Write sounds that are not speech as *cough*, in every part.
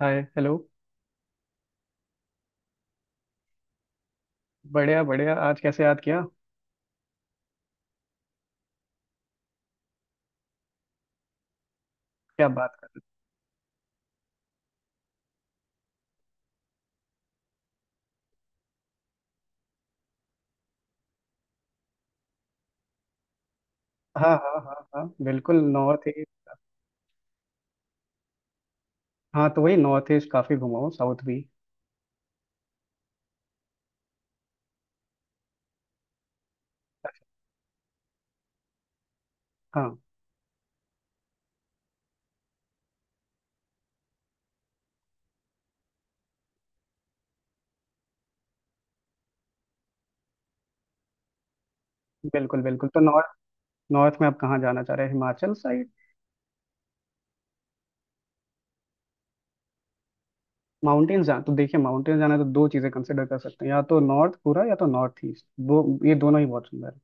हाय hello. बढ़िया बढ़िया, आज कैसे याद किया? क्या बात। कर हाँ हाँ हाँ हाँ बिल्कुल, नॉर्थ ईस्ट। हाँ, तो वही नॉर्थ ईस्ट काफ़ी घुमा हूँ, साउथ भी। हाँ बिल्कुल बिल्कुल, तो नॉर्थ नॉर्थ में आप कहाँ जाना चाह रहे हैं? हिमाचल साइड? माउंटेन्स जाना तो देखिए, माउंटेन्स जाना है तो दो चीज़ें कंसिडर कर सकते हैं, या तो नॉर्थ पूरा या तो नॉर्थ ईस्ट, वो ये दोनों ही बहुत सुंदर है।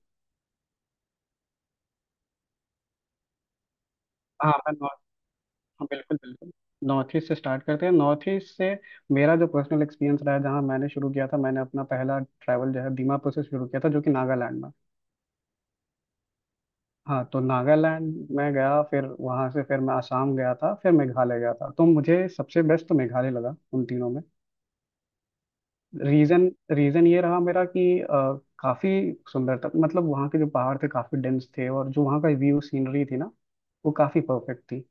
हाँ, मैं नॉर्थ। हाँ बिल्कुल बिल्कुल। नॉर्थ ईस्ट से स्टार्ट करते हैं, नॉर्थ ईस्ट से। मेरा जो पर्सनल एक्सपीरियंस रहा है, जहाँ मैंने शुरू किया था, मैंने अपना पहला ट्रैवल जो है दीमापुर से शुरू किया था, जो कि नागालैंड में। हाँ, तो नागालैंड में गया, फिर वहां से फिर मैं आसाम गया था, फिर मेघालय गया था। तो मुझे सबसे बेस्ट तो मेघालय लगा उन तीनों में। रीजन, रीजन ये रहा मेरा कि काफी सुंदर था। मतलब वहाँ के जो पहाड़ थे काफी डेंस थे, और जो वहाँ का व्यू सीनरी थी ना, वो काफी परफेक्ट थी।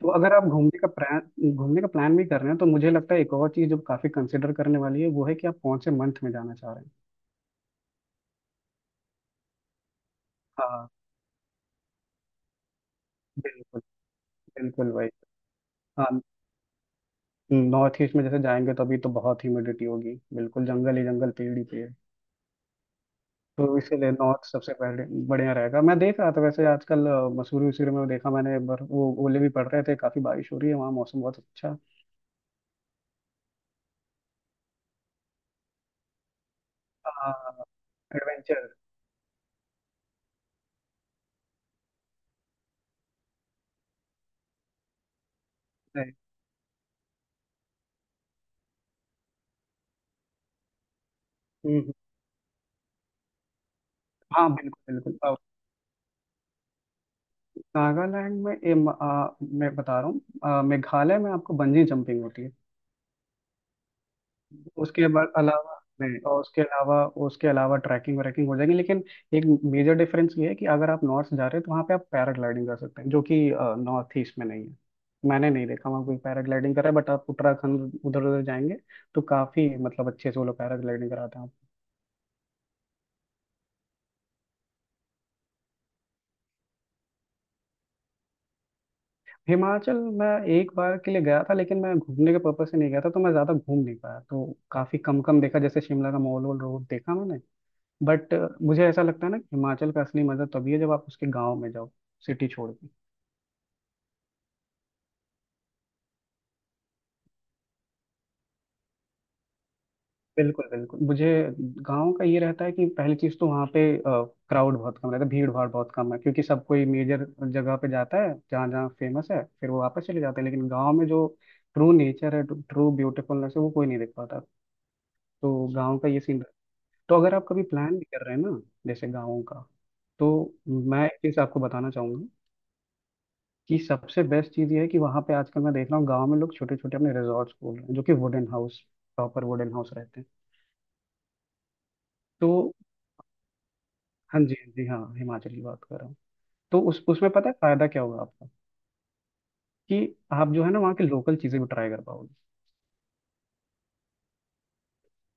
तो अगर आप घूमने का प्लान भी कर रहे हैं, तो मुझे लगता है एक और चीज जो काफी कंसिडर करने वाली है वो है कि आप कौन से मंथ में जाना चाह रहे हैं। हाँ बिल्कुल। बिल्कुल भाई। हाँ, नॉर्थ ईस्ट में जैसे जाएंगे तो अभी तो बहुत ह्यूमिडिटी होगी, बिल्कुल जंगल ही जंगल, पेड़ ही पेड़। तो इसीलिए नॉर्थ सबसे पहले बढ़िया रहेगा। मैं देख रहा था वैसे आजकल मसूरी वसूरी में, देखा मैंने एक बार वो ओले भी पड़ रहे थे, काफी बारिश हो रही है वहाँ, मौसम बहुत अच्छा। हाँ, एडवेंचर। नहीं। हम्म, हम्म। हाँ बिल्कुल बिल्कुल। अब नागालैंड में ये मैं बता रहा हूँ, मेघालय में आपको बंजी जंपिंग होती है। उसके बाद अलावा नहीं, और उसके अलावा ट्रैकिंग व्रैकिंग हो जाएगी, लेकिन एक मेजर डिफरेंस ये है कि अगर आप नॉर्थ जा रहे हैं, तो वहाँ पे आप पैराग्लाइडिंग कर सकते हैं, जो कि नॉर्थ ईस्ट में नहीं है। मैंने नहीं देखा वहाँ कोई पैराग्लाइडिंग करा है, बट आप उत्तराखंड उधर उधर जाएंगे तो काफ़ी मतलब अच्छे से वो लोग पैराग्लाइडिंग कराते हैं आपको। हिमाचल मैं एक बार के लिए गया था, लेकिन मैं घूमने के पर्पज से नहीं गया था, तो मैं ज़्यादा घूम नहीं पाया। तो काफ़ी कम कम देखा, जैसे शिमला का मॉल वॉल रोड देखा मैंने, बट मुझे ऐसा लगता है ना कि हिमाचल का असली मजा तभी है जब आप उसके गांव में जाओ, सिटी छोड़ के। बिल्कुल बिल्कुल, मुझे गांव का ये रहता है कि पहली चीज तो वहाँ पे क्राउड बहुत कम रहता है, भीड़ भाड़ बहुत कम है, क्योंकि सब कोई मेजर जगह पे जाता है जहाँ जहाँ फेमस है, फिर वो वापस चले जाते हैं। लेकिन गांव में जो ट्रू नेचर है, ट्रू ब्यूटीफुलनेस है, वो कोई नहीं देख पाता। तो गांव का ये सीन। तो अगर आप कभी प्लान भी कर रहे हैं ना जैसे गाँव का, तो मैं एक चीज आपको बताना चाहूंगा कि सबसे बेस्ट चीज़ ये है कि वहाँ पे आजकल मैं देख रहा हूँ गांव में लोग छोटे छोटे अपने रिजॉर्ट्स खोल रहे हैं, जो कि wooden house, proper wooden house रहते हैं। तो हाँ जी हाँ जी, हाँ हिमाचल की बात कर रहा हूँ। तो उस उसमें पता है फायदा क्या होगा आपका, कि आप जो है ना वहाँ की लोकल चीज़ें भी ट्राई कर पाओगे।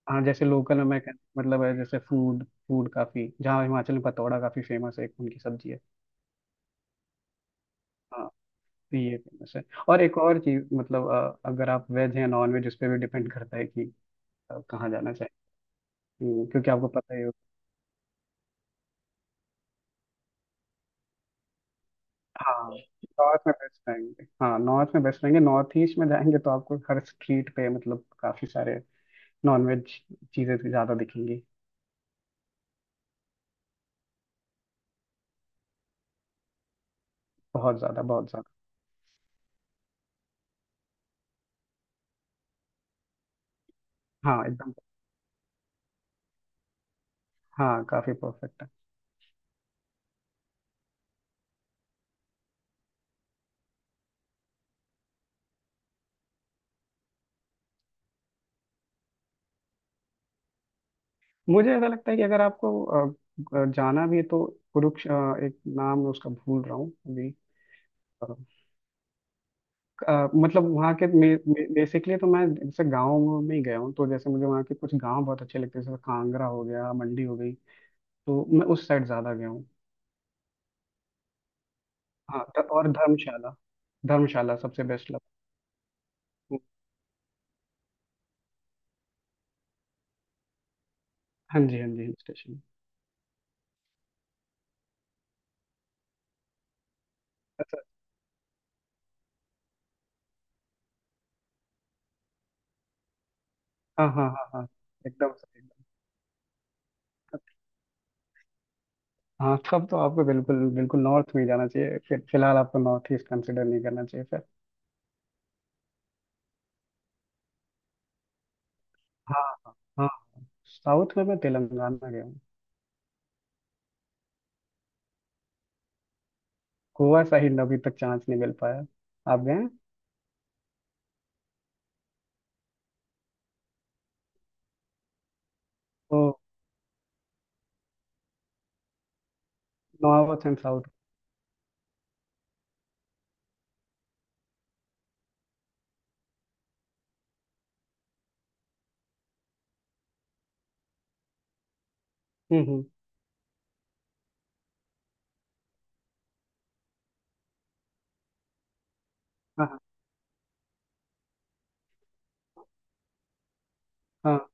हाँ, जैसे लोकल में मतलब है, जैसे फूड। फूड काफ़ी, जहाँ हिमाचल में पतौड़ा काफ़ी फेमस है, एक उनकी सब्जी है। हाँ, तो ये फेमस है। और एक और चीज़, मतलब अगर आप वेज हैं, नॉन वेज, उस पर भी डिपेंड करता है कि आप कहाँ जाना चाहें। क्योंकि आपको पता ही। हाँ, नॉर्थ में बेस्ट रहेंगे, हाँ नॉर्थ में बेस्ट रहेंगे। नॉर्थ ईस्ट में जाएंगे तो आपको हर स्ट्रीट पे मतलब काफी सारे नॉनवेज चीजें ज्यादा दिखेंगी। बहुत ज्यादा, बहुत ज्यादा। हाँ एकदम। हाँ, काफी परफेक्ट है। मुझे ऐसा लगता है कि अगर आपको जाना भी है तो कुरुक्ष अ, एक नाम मैं उसका भूल रहा हूँ अभी। अ, मतलब वहाँ के, बेसिकली तो मैं जैसे गाँव में ही गया हूँ, तो जैसे मुझे वहाँ के कुछ गाँव बहुत अच्छे लगते हैं, जैसे कांगड़ा हो गया, मंडी हो गई। तो मैं उस साइड ज्यादा गया हूँ। हाँ और धर्मशाला, धर्मशाला सबसे बेस्ट लगा। हाँ जी हाँ जी, हिल स्टेशन। अच्छा। हाँ हाँ हाँ हाँ। एकदम सही, एकदम। हाँ, तब तो आपको बिल्कुल बिल्कुल नॉर्थ में ही जाना चाहिए फिर, फिलहाल आपको नॉर्थ ईस्ट कंसिडर नहीं करना चाहिए फिर। हाँ हाँ। साउथ में मैं तेलंगाना गया हूँ। गोवा साइड अभी तक चांस नहीं मिल पाया। आप गए हैं? तो नॉर्थ एंड साउथ। हम्म। हाँ हाँ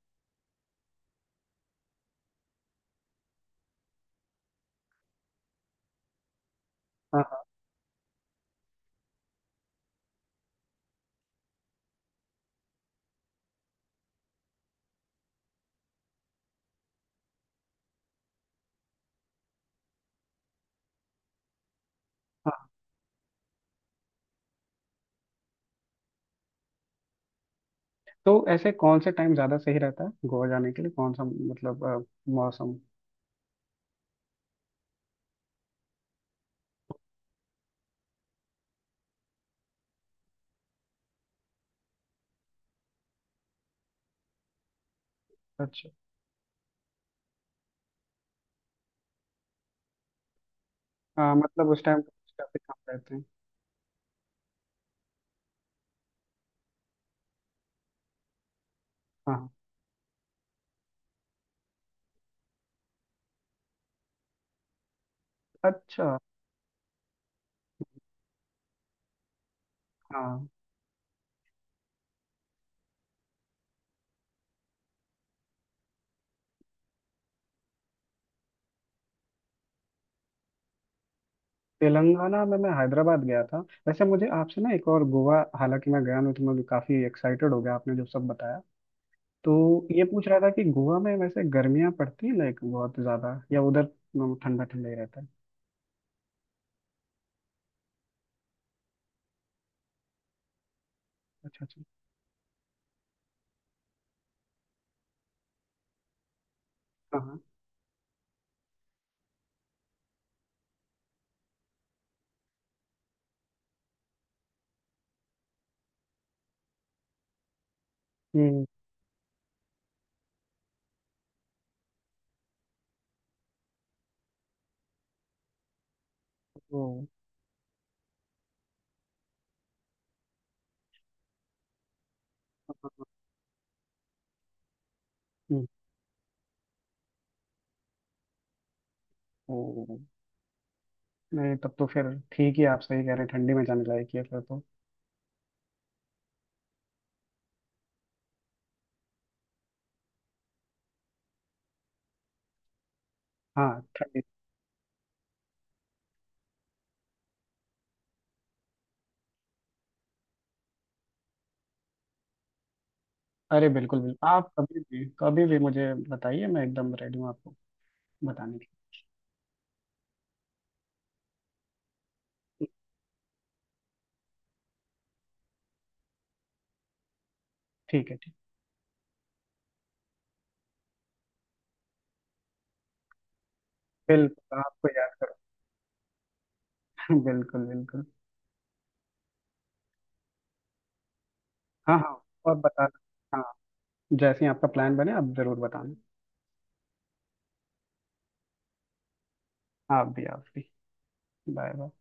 हाँ हाँ हाँ। तो ऐसे कौन से टाइम ज़्यादा सही रहता है गोवा जाने के लिए, कौन सा मतलब मौसम? अच्छा। हाँ, मतलब उस टाइम काफी कम रहते हैं। हाँ। अच्छा। हाँ। तेलंगाना में मैं हैदराबाद गया था। वैसे मुझे आपसे ना एक, और गोवा हालांकि मैं गया नहीं, तो मैं काफी एक्साइटेड हो गया, आपने जो सब बताया। तो ये पूछ रहा था कि गोवा में वैसे गर्मियाँ पड़ती हैं लाइक बहुत ज्यादा, या उधर मतलब ठंडा ठंडा ही रहता है? अच्छा अच्छा। हाँ हाँ। हम्म। ओ। हम्म। ओ। नहीं, तब तो फिर ठीक ही, आप सही कह रहे हैं, ठंडी में जाने लायक ही है फिर तो। हाँ, ठंडी। अरे बिल्कुल बिल्कुल, आप कभी भी कभी भी मुझे बताइए, मैं एकदम रेडी हूँ आपको बताने के लिए। ठीक है। बिल्कुल, आपको याद करो *laughs* बिल्कुल बिल्कुल। हाँ हाँ, और बताना, हाँ, जैसे ही आपका प्लान बने आप जरूर बताना। आप भी, आप भी। Bye bye.